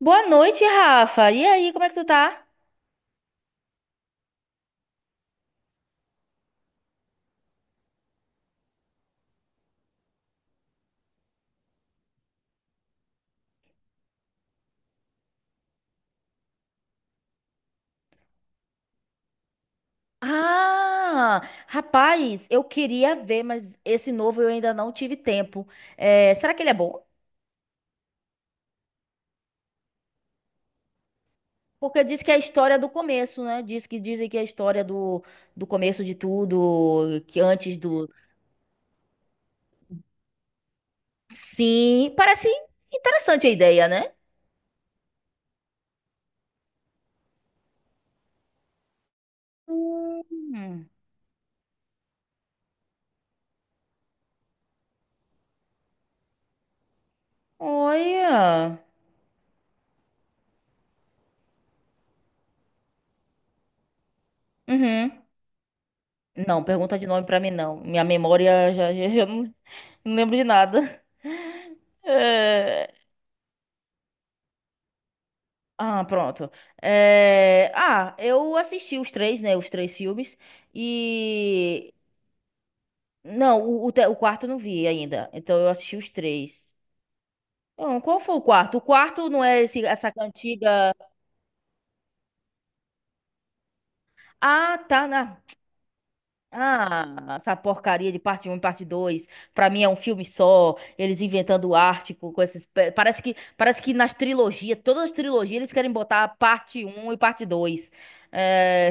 Boa noite, Rafa. E aí, como é que tu tá? Ah, rapaz, eu queria ver, mas esse novo eu ainda não tive tempo. É, será que ele é bom? Porque diz que é a história do começo, né? Diz que dizem que é a história do começo de tudo, que antes do. Sim, parece interessante a ideia, né? Hum, olha. Uhum. Não, pergunta de nome pra mim não. Minha memória já não lembro de nada. É, ah, pronto. É, ah, eu assisti os três, né? Os três filmes. E. Não, o quarto eu não vi ainda. Então eu assisti os três. Então, qual foi o quarto? O quarto não é esse, essa cantiga. Ah, tá. Ah, essa porcaria de parte um, e parte 2. Pra mim é um filme só. Eles inventando arte com esses. Parece que nas trilogias, todas as trilogias, eles querem botar parte um e parte 2. É,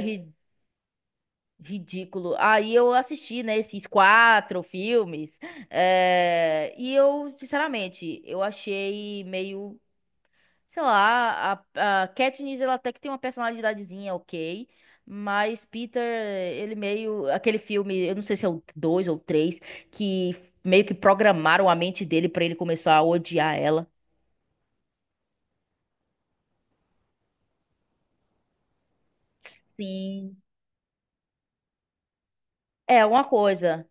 ridículo. Aí eu assisti, né, esses quatro filmes. E eu, sinceramente, eu achei meio, sei lá, a Katniss, ela até que tem uma personalidadezinha ok. Mas Peter, ele meio. Aquele filme, eu não sei se é o dois ou três, que meio que programaram a mente dele pra ele começar a odiar ela. Sim. É, uma coisa.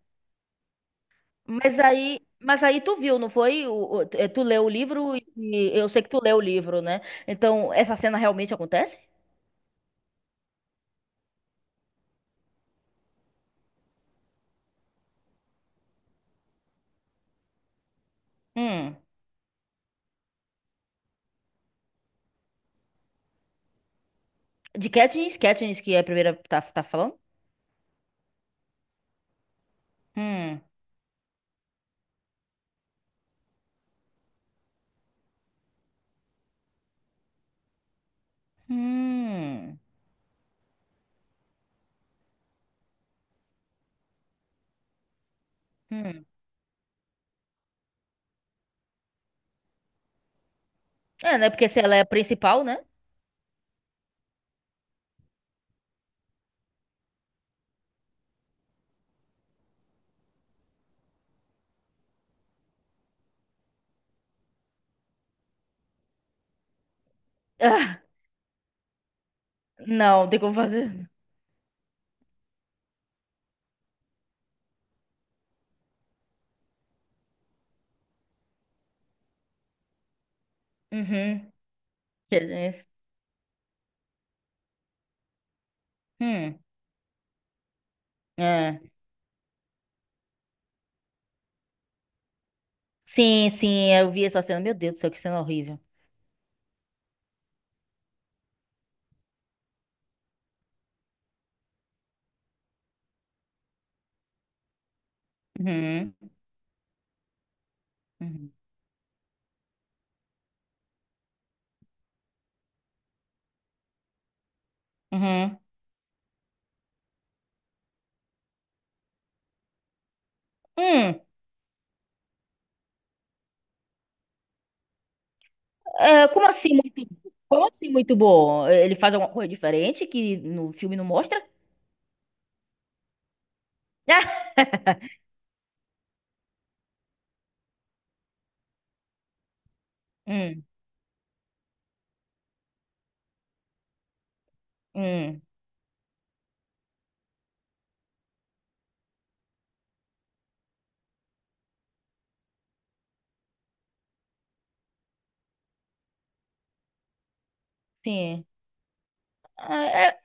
Mas aí tu viu, não foi? Tu leu o livro e eu sei que tu leu o livro, né? Então, essa cena realmente acontece? Hum. De Katniss, Katniss que é a primeira que tá, tá falando? Hum. Hum. Hum. É, né? Porque se ela é a principal, né? Ah, não, tem como fazer. Uhum. Katniss. Hum. É. Sim, sim, eu vi essa cena. Meu Deus do céu, que cena horrível. Uhum. Uhum. Uhum. Hum. Ah, como assim muito bom? Como assim muito bom? Ele faz alguma coisa diferente que no filme não mostra? Ah, hum, hum, sim. Ah,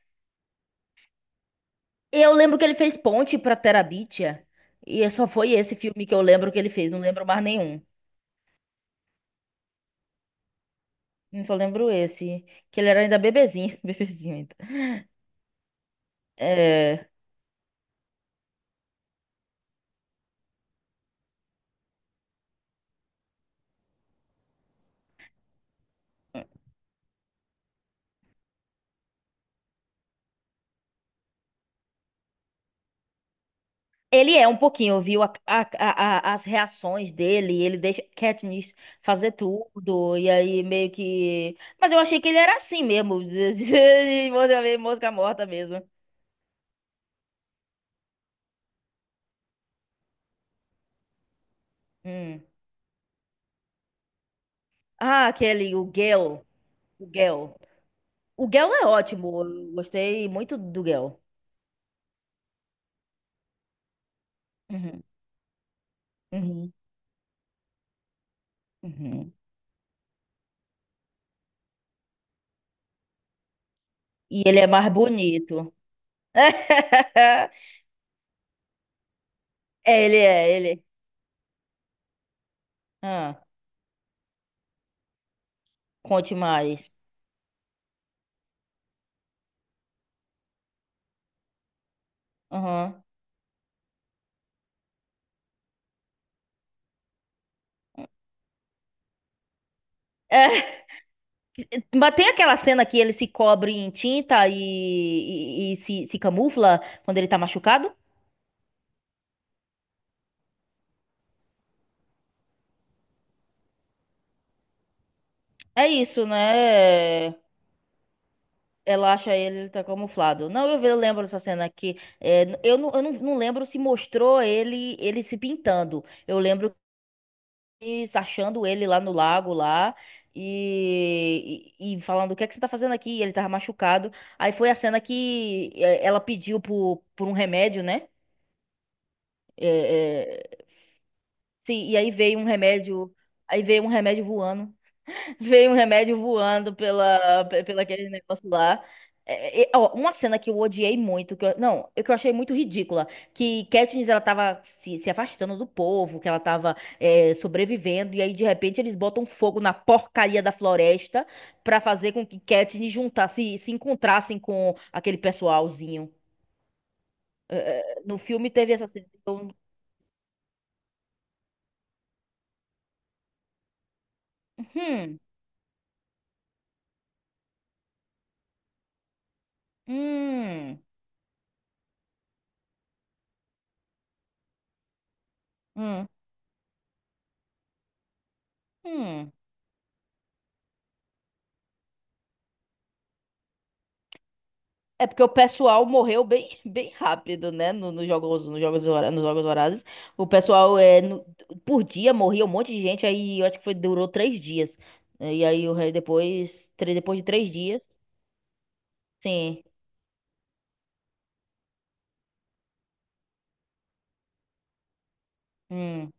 eu lembro que ele fez Ponte pra Terabítia. E é só foi esse filme que eu lembro que ele fez. Não lembro mais nenhum. Eu só lembro esse. Que ele era ainda bebezinho. Bebezinho ainda. É. Ele é um pouquinho, viu? As reações dele, ele deixa Katniss fazer tudo, e aí meio que. Mas eu achei que ele era assim mesmo, de mosca mosca morta mesmo. Hum. Ah, aquele, o Gale. O Gale. O Gale é ótimo, eu gostei muito do Gale. Uhum, uhum, uhum. E ele é mais bonito. É, ele é, ele. Ah, conte mais. Aham. Mas tem aquela cena que ele se cobre em tinta e se, se camufla quando ele tá machucado? É isso, né? Ela acha ele, ele tá camuflado. Não, eu lembro dessa cena aqui. É, eu não, não lembro se mostrou ele ele se pintando. Eu lembro que se achando ele lá no lago lá e falando o que é que você tá fazendo aqui? E ele tava machucado. Aí foi a cena que é, ela pediu por um remédio, né? É, é, sim, e aí veio um remédio, aí veio um remédio voando, veio um remédio voando pela, pela aquele negócio lá. É, é, ó, uma cena que eu odiei muito, que eu, não, eu- que eu achei muito ridícula, que Katniss ela tava se, se afastando do povo, que ela tava é, sobrevivendo, e aí de repente eles botam fogo na porcaria da floresta pra fazer com que Katniss juntasse, se encontrassem com aquele pessoalzinho. É, é, no filme teve essa cena. Eu, hum, hum, hum. Hum. É porque o pessoal morreu bem, bem rápido, né? No, nos jogos, nos jogos, nos jogos horários. O pessoal, é, por dia, morria um monte de gente. Aí eu acho que foi, durou três dias. E aí o rei depois, depois de três dias. Sim. Hum,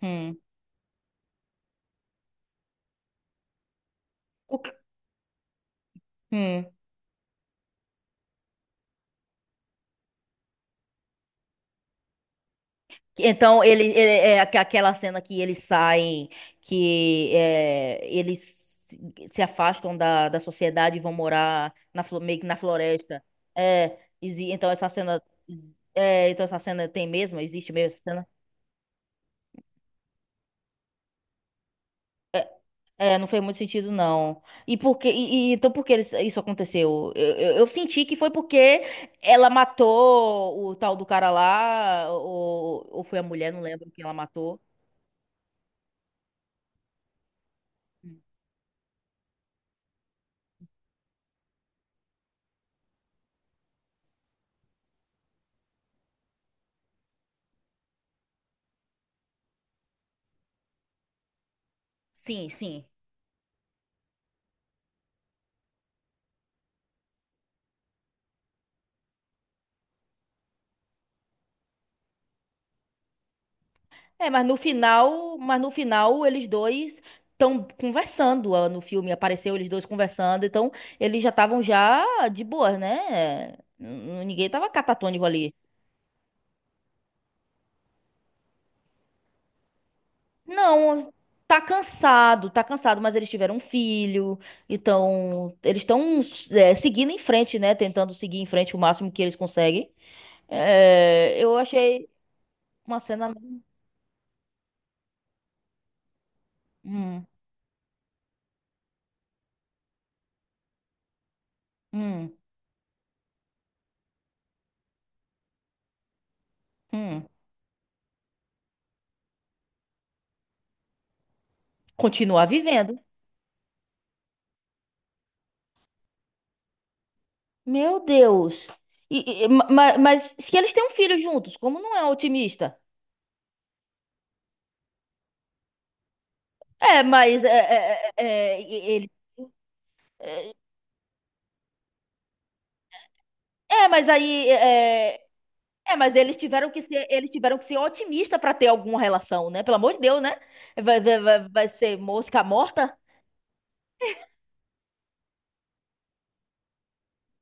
hum. O quê? Então, é aquela cena que eles saem, que é, eles se se afastam da, da sociedade e vão morar na, meio que na floresta. É, então essa cena, é, então essa cena tem mesmo, existe mesmo essa cena? É, não fez muito sentido, não. E por que, então por que isso aconteceu? Eu senti que foi porque ela matou o tal do cara lá, ou foi a mulher, não lembro quem ela matou. Sim, sim. É, mas no final eles dois estão conversando ah, no filme, apareceu eles dois conversando, então eles já estavam já de boa, né? Ninguém tava catatônico ali. Não, tá cansado, mas eles tiveram um filho, então eles estão é, seguindo em frente, né? Tentando seguir em frente o máximo que eles conseguem. É, eu achei uma cena. Hum, hum, hum. Continuar vivendo. Meu Deus. Mas, se eles têm um filho juntos, como não é otimista? É, mas é, é, é, é, e- ele, é, mas aí é, é, é, mas eles tiveram que ser, eles tiveram que ser otimista para ter alguma relação, né? Pelo amor de Deus, né? Vai, vai, vai, vai ser mosca morta?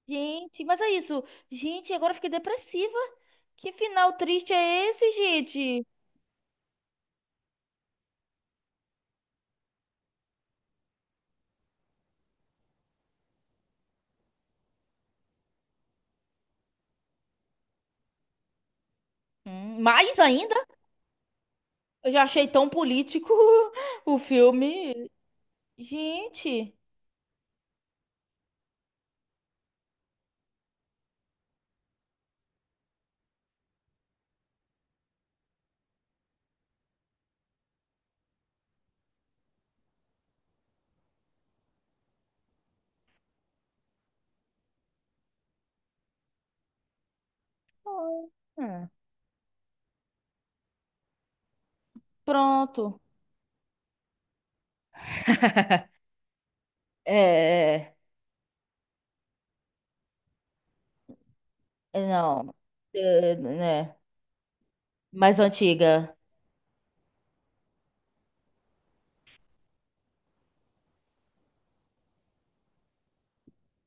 Gente, mas é isso. Gente, agora eu fiquei depressiva. Que final triste é esse, gente? Mais ainda, eu já achei tão político o filme. Gente. Hum, Pronto. É, é, é, não, é, né? Mais antiga.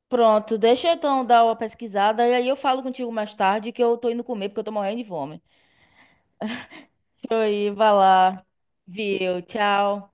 Pronto, deixa eu então dar uma pesquisada e aí eu falo contigo mais tarde que eu tô indo comer porque eu tô morrendo de fome. Deixa eu ir, vai lá. Viu, tchau.